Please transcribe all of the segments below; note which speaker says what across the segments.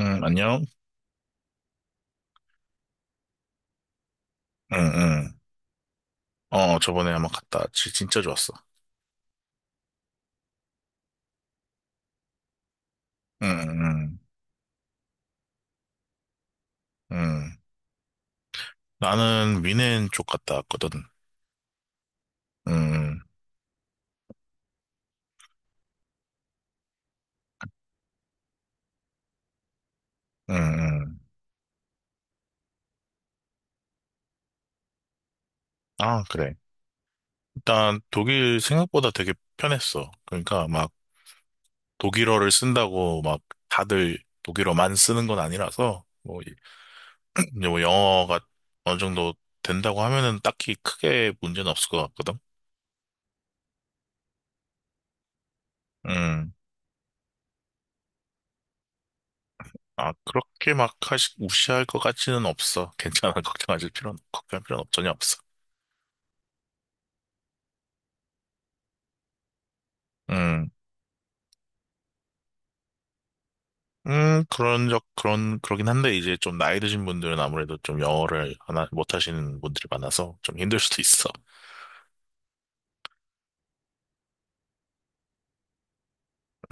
Speaker 1: 응, 안녕? 응, 응. 저번에 한번 갔다 왔지. 진짜 좋았어. 응, 응, 응. 응. 나는 위넨 쪽 갔다 왔거든. 응, 응, 응. 아, 그래. 일단 독일 생각보다 되게 편했어. 그러니까 막 독일어를 쓴다고 막 다들 독일어만 쓰는 건 아니라서 뭐, 이제 뭐 영어가 어느 정도 된다고 하면은 딱히 크게 문제는 없을 것 같거든. 응. 아, 그렇게 막 무시할 것 같지는 없어. 괜찮아. 걱정할 필요는 전혀 없어. 음, 그러긴 한데, 이제 좀 나이 드신 분들은 아무래도 좀 영어를 못 하시는 분들이 많아서 좀 힘들 수도 있어.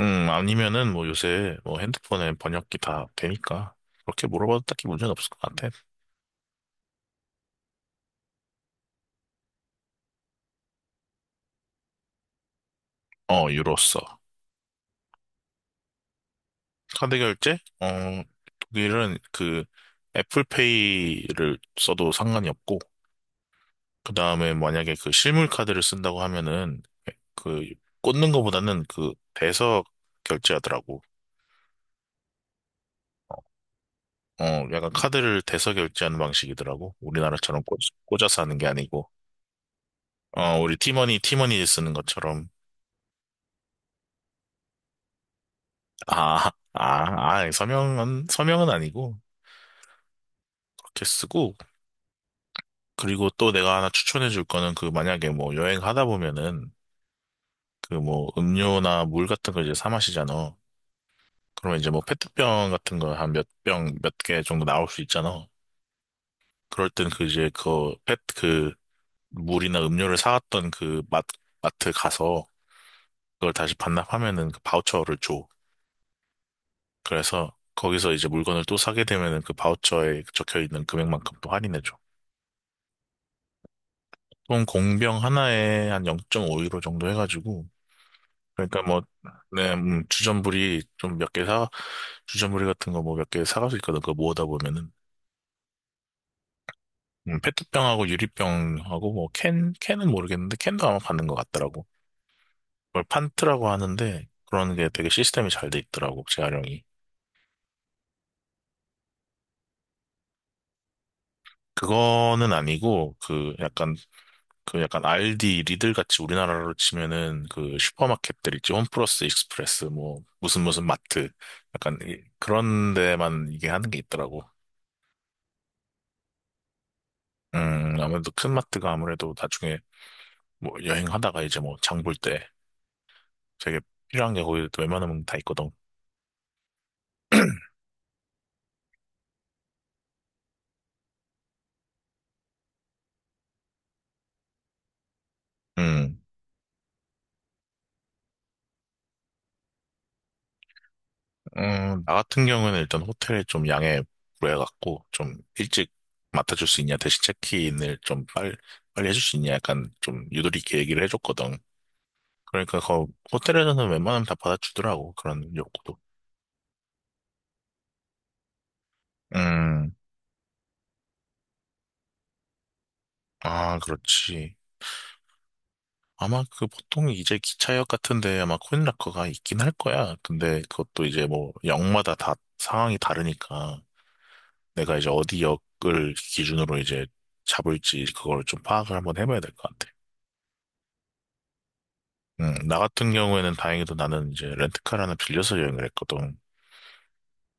Speaker 1: 아니면은 뭐 요새 뭐 핸드폰에 번역기 다 되니까, 그렇게 물어봐도 딱히 문제는 없을 것 같아. 유로 써. 카드 결제? 독일은 그 애플페이를 써도 상관이 없고, 그 다음에 만약에 그 실물 카드를 쓴다고 하면은 그 꽂는 거보다는 그 대서 결제하더라고. 약간 카드를 대서 결제하는 방식이더라고. 우리나라처럼 꽂아서 하는 게 아니고. 우리 티머니 쓰는 것처럼. 아, 아, 아, 서명은 아니고. 그렇게 쓰고. 그리고 또 내가 하나 추천해 줄 거는 그 만약에 뭐 여행하다 보면은 그 뭐 음료나 물 같은 거 이제 사 마시잖아. 그러면 이제 뭐 페트병 같은 거 한 몇 병, 몇 개 정도 나올 수 있잖아. 그럴 땐 그 이제 그 페트 그 물이나 음료를 사왔던 그 마트 가서 그걸 다시 반납하면은 그 바우처를 줘. 그래서 거기서 이제 물건을 또 사게 되면은 그 바우처에 적혀 있는 금액만큼 또 할인해 줘. 총 공병 하나에 한 0.5유로 정도 해가지고, 그러니까 뭐 네, 주전부리 같은 거 뭐 몇 개 사갈 수 있거든. 그거 모으다 보면은. 페트병하고 유리병하고 뭐 캔은 모르겠는데 캔도 아마 받는 것 같더라고. 그걸 판트라고 하는데 그런 게 되게 시스템이 잘 돼 있더라고, 재활용이. 그거는 아니고 그 약간 알디 리들 같이 우리나라로 치면은 그 슈퍼마켓들 있지. 홈플러스 익스프레스 뭐 무슨 무슨 마트 약간 그런 데만 이게 하는 게 있더라고. 아무래도 큰 마트가 아무래도 나중에 뭐 여행하다가 이제 뭐 장볼 때 되게 필요한 게 거기 또 웬만하면 다 있거든. 음. 나 같은 경우는 일단 호텔에 좀 양해 구해갖고, 좀 일찍 맡아줄 수 있냐, 대신 체크인을 좀 빨리 해줄 수 있냐, 약간 좀 유도리 있게 얘기를 해줬거든. 그러니까 호텔에서는 웬만하면 다 받아주더라고, 그런 요구도. 음, 아, 그렇지. 아마 그 보통 이제 기차역 같은데 아마 코인락커가 있긴 할 거야. 근데 그것도 이제 뭐 역마다 다 상황이 다르니까 내가 이제 어디 역을 기준으로 이제 잡을지 그걸 좀 파악을 한번 해봐야 될 것 같아. 나 같은 경우에는 다행히도 나는 이제 렌트카를 하나 빌려서 여행을 했거든.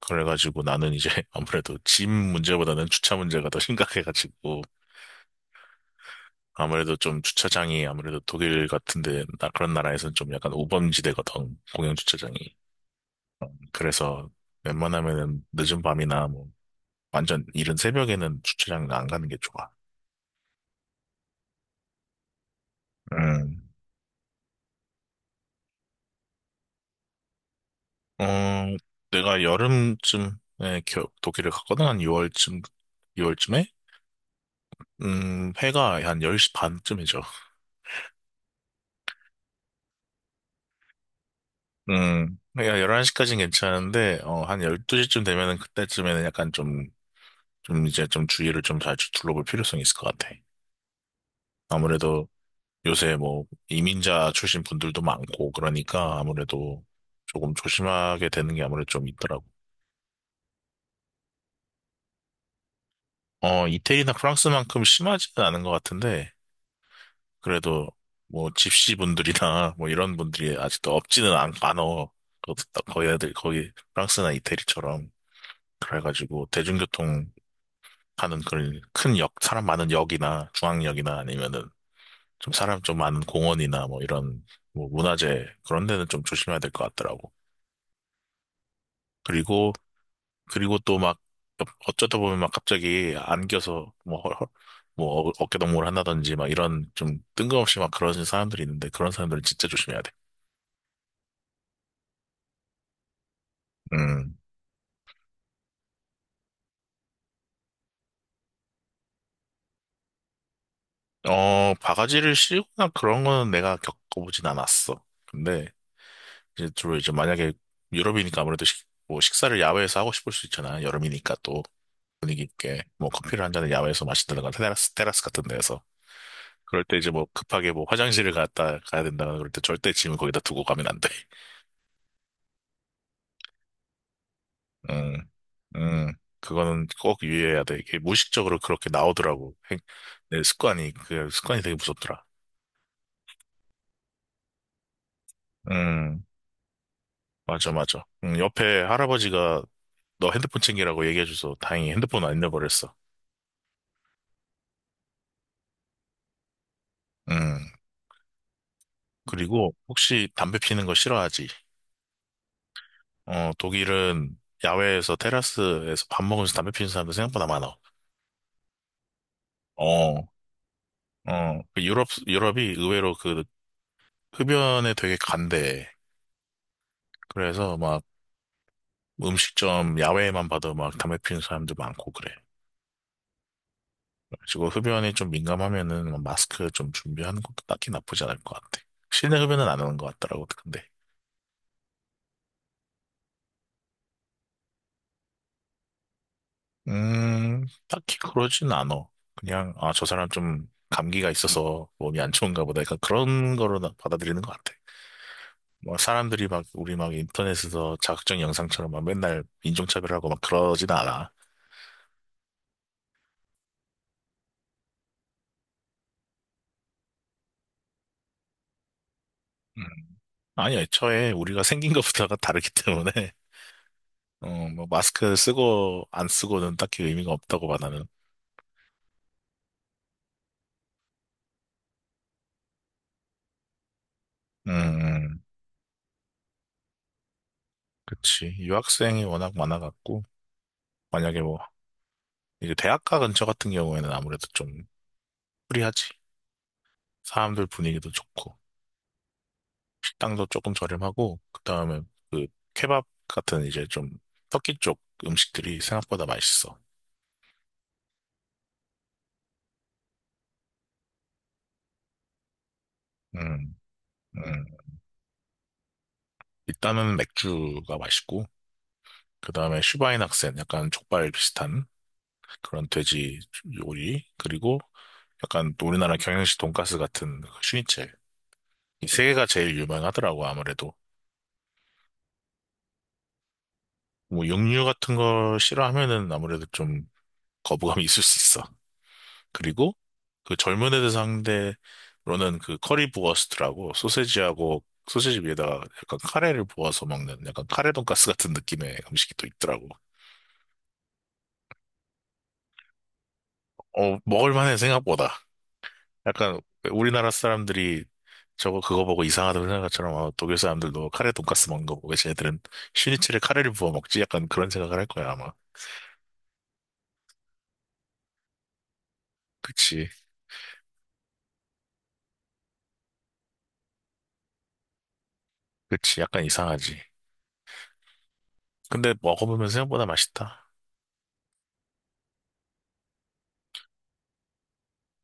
Speaker 1: 그래가지고 나는 이제 아무래도 짐 문제보다는 주차 문제가 더 심각해가지고 아무래도 좀 주차장이, 아무래도 독일 같은데 나 그런 나라에서는 좀 약간 우범지대거든, 공영 주차장이. 그래서 웬만하면은 늦은 밤이나 뭐 완전 이른 새벽에는 주차장 안 가는 게 좋아. 음, 어, 내가 여름쯤에 독일을 갔거든, 한 6월쯤에. 회가 한 10시 반쯤이죠. 그러니까 11시까지는 괜찮은데, 한 12시쯤 되면은 그때쯤에는 약간 좀 이제 좀 주의를 좀 잘 둘러볼 필요성이 있을 것 같아. 아무래도 요새 뭐 이민자 출신 분들도 많고 그러니까 아무래도 조금 조심하게 되는 게 아무래도 좀 있더라고. 이태리나 프랑스만큼 심하지는 않은 것 같은데, 그래도 뭐 집시 분들이나 뭐 이런 분들이 아직도 없지는 않어. 거기 프랑스나 이태리처럼. 그래가지고 대중교통 하는 그런 큰 역, 사람 많은 역이나 중앙역이나 아니면은 좀 사람 좀 많은 공원이나 뭐 이런 뭐 문화재 그런 데는 좀 조심해야 될 것 같더라고. 그리고, 그리고 또 막 어쩌다 보면 막 갑자기 안겨서 뭐, 뭐 어깨동무를 한다든지 막 이런 좀 뜬금없이 막 그러는 사람들이 있는데 그런 사람들은 진짜 조심해야 돼. 음, 바가지를 씌우거나 그런 거는 내가 겪어보진 않았어. 근데 이제 주로 이제 만약에 유럽이니까 아무래도 뭐 식사를 야외에서 하고 싶을 수 있잖아. 여름이니까 또 분위기 있게 뭐 커피를 한 잔을 야외에서 마신다든가, 테라스 같은 데에서. 그럴 때 이제 뭐 급하게 뭐 화장실을 갔다 가야 된다 그럴 때 절대 짐을 거기다 두고 가면 안 돼. 음, 음, 그거는 꼭 유의해야 돼. 이게 무의식적으로 그렇게 나오더라고. 내 습관이, 그 습관이 되게 무섭더라. 음, 맞아, 맞아. 옆에 할아버지가 너 핸드폰 챙기라고 얘기해줘서 다행히 핸드폰 안 잃어버렸어. 음. 그리고 혹시 담배 피는 거 싫어하지? 독일은 야외에서 테라스에서 밥 먹으면서 담배 피는 사람들 생각보다 많아. 어, 그 유럽이 의외로 그 흡연에 되게 간대. 그래서 막 음식점 야외에만 봐도 막 담배 피는 사람들 많고 그래. 그리고 흡연이 좀 민감하면은 마스크 좀 준비하는 것도 딱히 나쁘지 않을 것 같아. 실내 흡연은 안 하는 것 같더라고, 근데. 딱히 그러진 않아. 그냥, 아, 저 사람 좀 감기가 있어서 몸이 안 좋은가 보다, 약간 그런 거로 받아들이는 것 같아. 뭐, 사람들이 막, 우리 막 인터넷에서 자극적인 영상처럼 막 맨날 인종차별하고 막 그러진 않아. 음. 아니, 애초에 우리가 생긴 것부터가 다르기 때문에. 뭐, 마스크 쓰고 안 쓰고는 딱히 의미가 없다고 봐, 나는. 음, 그치. 유학생이 워낙 많아갖고, 만약에 뭐, 이제 대학가 근처 같은 경우에는 아무래도 좀 프리하지. 사람들 분위기도 좋고, 식당도 조금 저렴하고, 그 다음에 그 케밥 같은 이제 좀 터키 쪽 음식들이 생각보다 맛있어. 음, 음. 일단은 맥주가 맛있고, 그 다음에 슈바인학센, 약간 족발 비슷한 그런 돼지 요리, 그리고 약간 우리나라 경양식 돈가스 같은 그 슈니첼. 이 세 개가 제일 유명하더라고, 아무래도. 뭐, 육류 같은 거 싫어하면은 아무래도 좀 거부감이 있을 수 있어. 그리고 그 젊은 애들 상대로는 그 커리 부어스트라고, 소세지하고 소세지 위에다가 약간 카레를 부어서 먹는 약간 카레 돈가스 같은 느낌의 음식이 또 있더라고. 먹을만해 생각보다. 약간 우리나라 사람들이 저거 그거 보고 이상하다고 생각한 것처럼, 아, 독일 사람들도 카레 돈가스 먹는 거 보고 쟤네들은 슈니첼에 카레를 부어 먹지, 약간 그런 생각을 할 거야 아마. 그치, 그치, 약간 이상하지. 근데 먹어보면 생각보다 맛있다.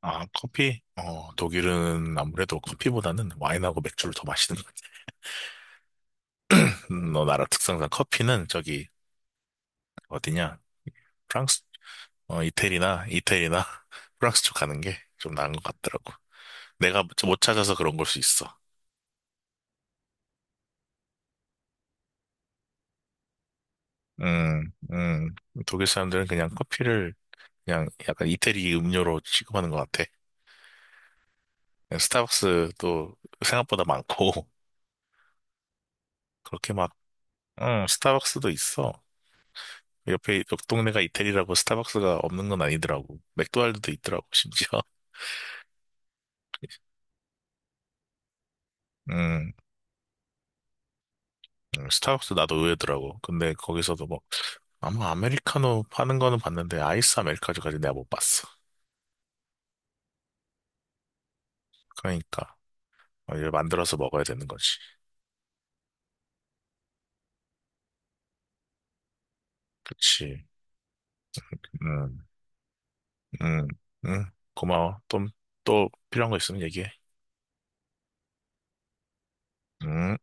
Speaker 1: 아, 커피? 독일은 아무래도 커피보다는 와인하고 맥주를 더 마시는. 너 나라 특성상 커피는 저기 어디냐? 프랑스, 이태리나 프랑스 쪽 가는 게 좀 나은 것 같더라고. 내가 못 찾아서 그런 걸 수 있어. 음, 음, 독일 사람들은 그냥 커피를 그냥 약간 이태리 음료로 취급하는 것 같아. 스타벅스도 생각보다 많고. 그렇게 막, 응, 스타벅스도 있어. 옆에 옆 동네가 이태리라고 스타벅스가 없는 건 아니더라고. 맥도날드도 있더라고, 심지어. 음, 스타벅스 나도 의외더라고. 근데 거기서도 뭐, 아마 아메리카노 파는 거는 봤는데, 아이스 아메리카노까지 내가 못 봤어. 그러니까, 이걸 만들어서 먹어야 되는 거지. 그치. 음, 음, 음. 고마워. 또 필요한 거 있으면 얘기해. 음.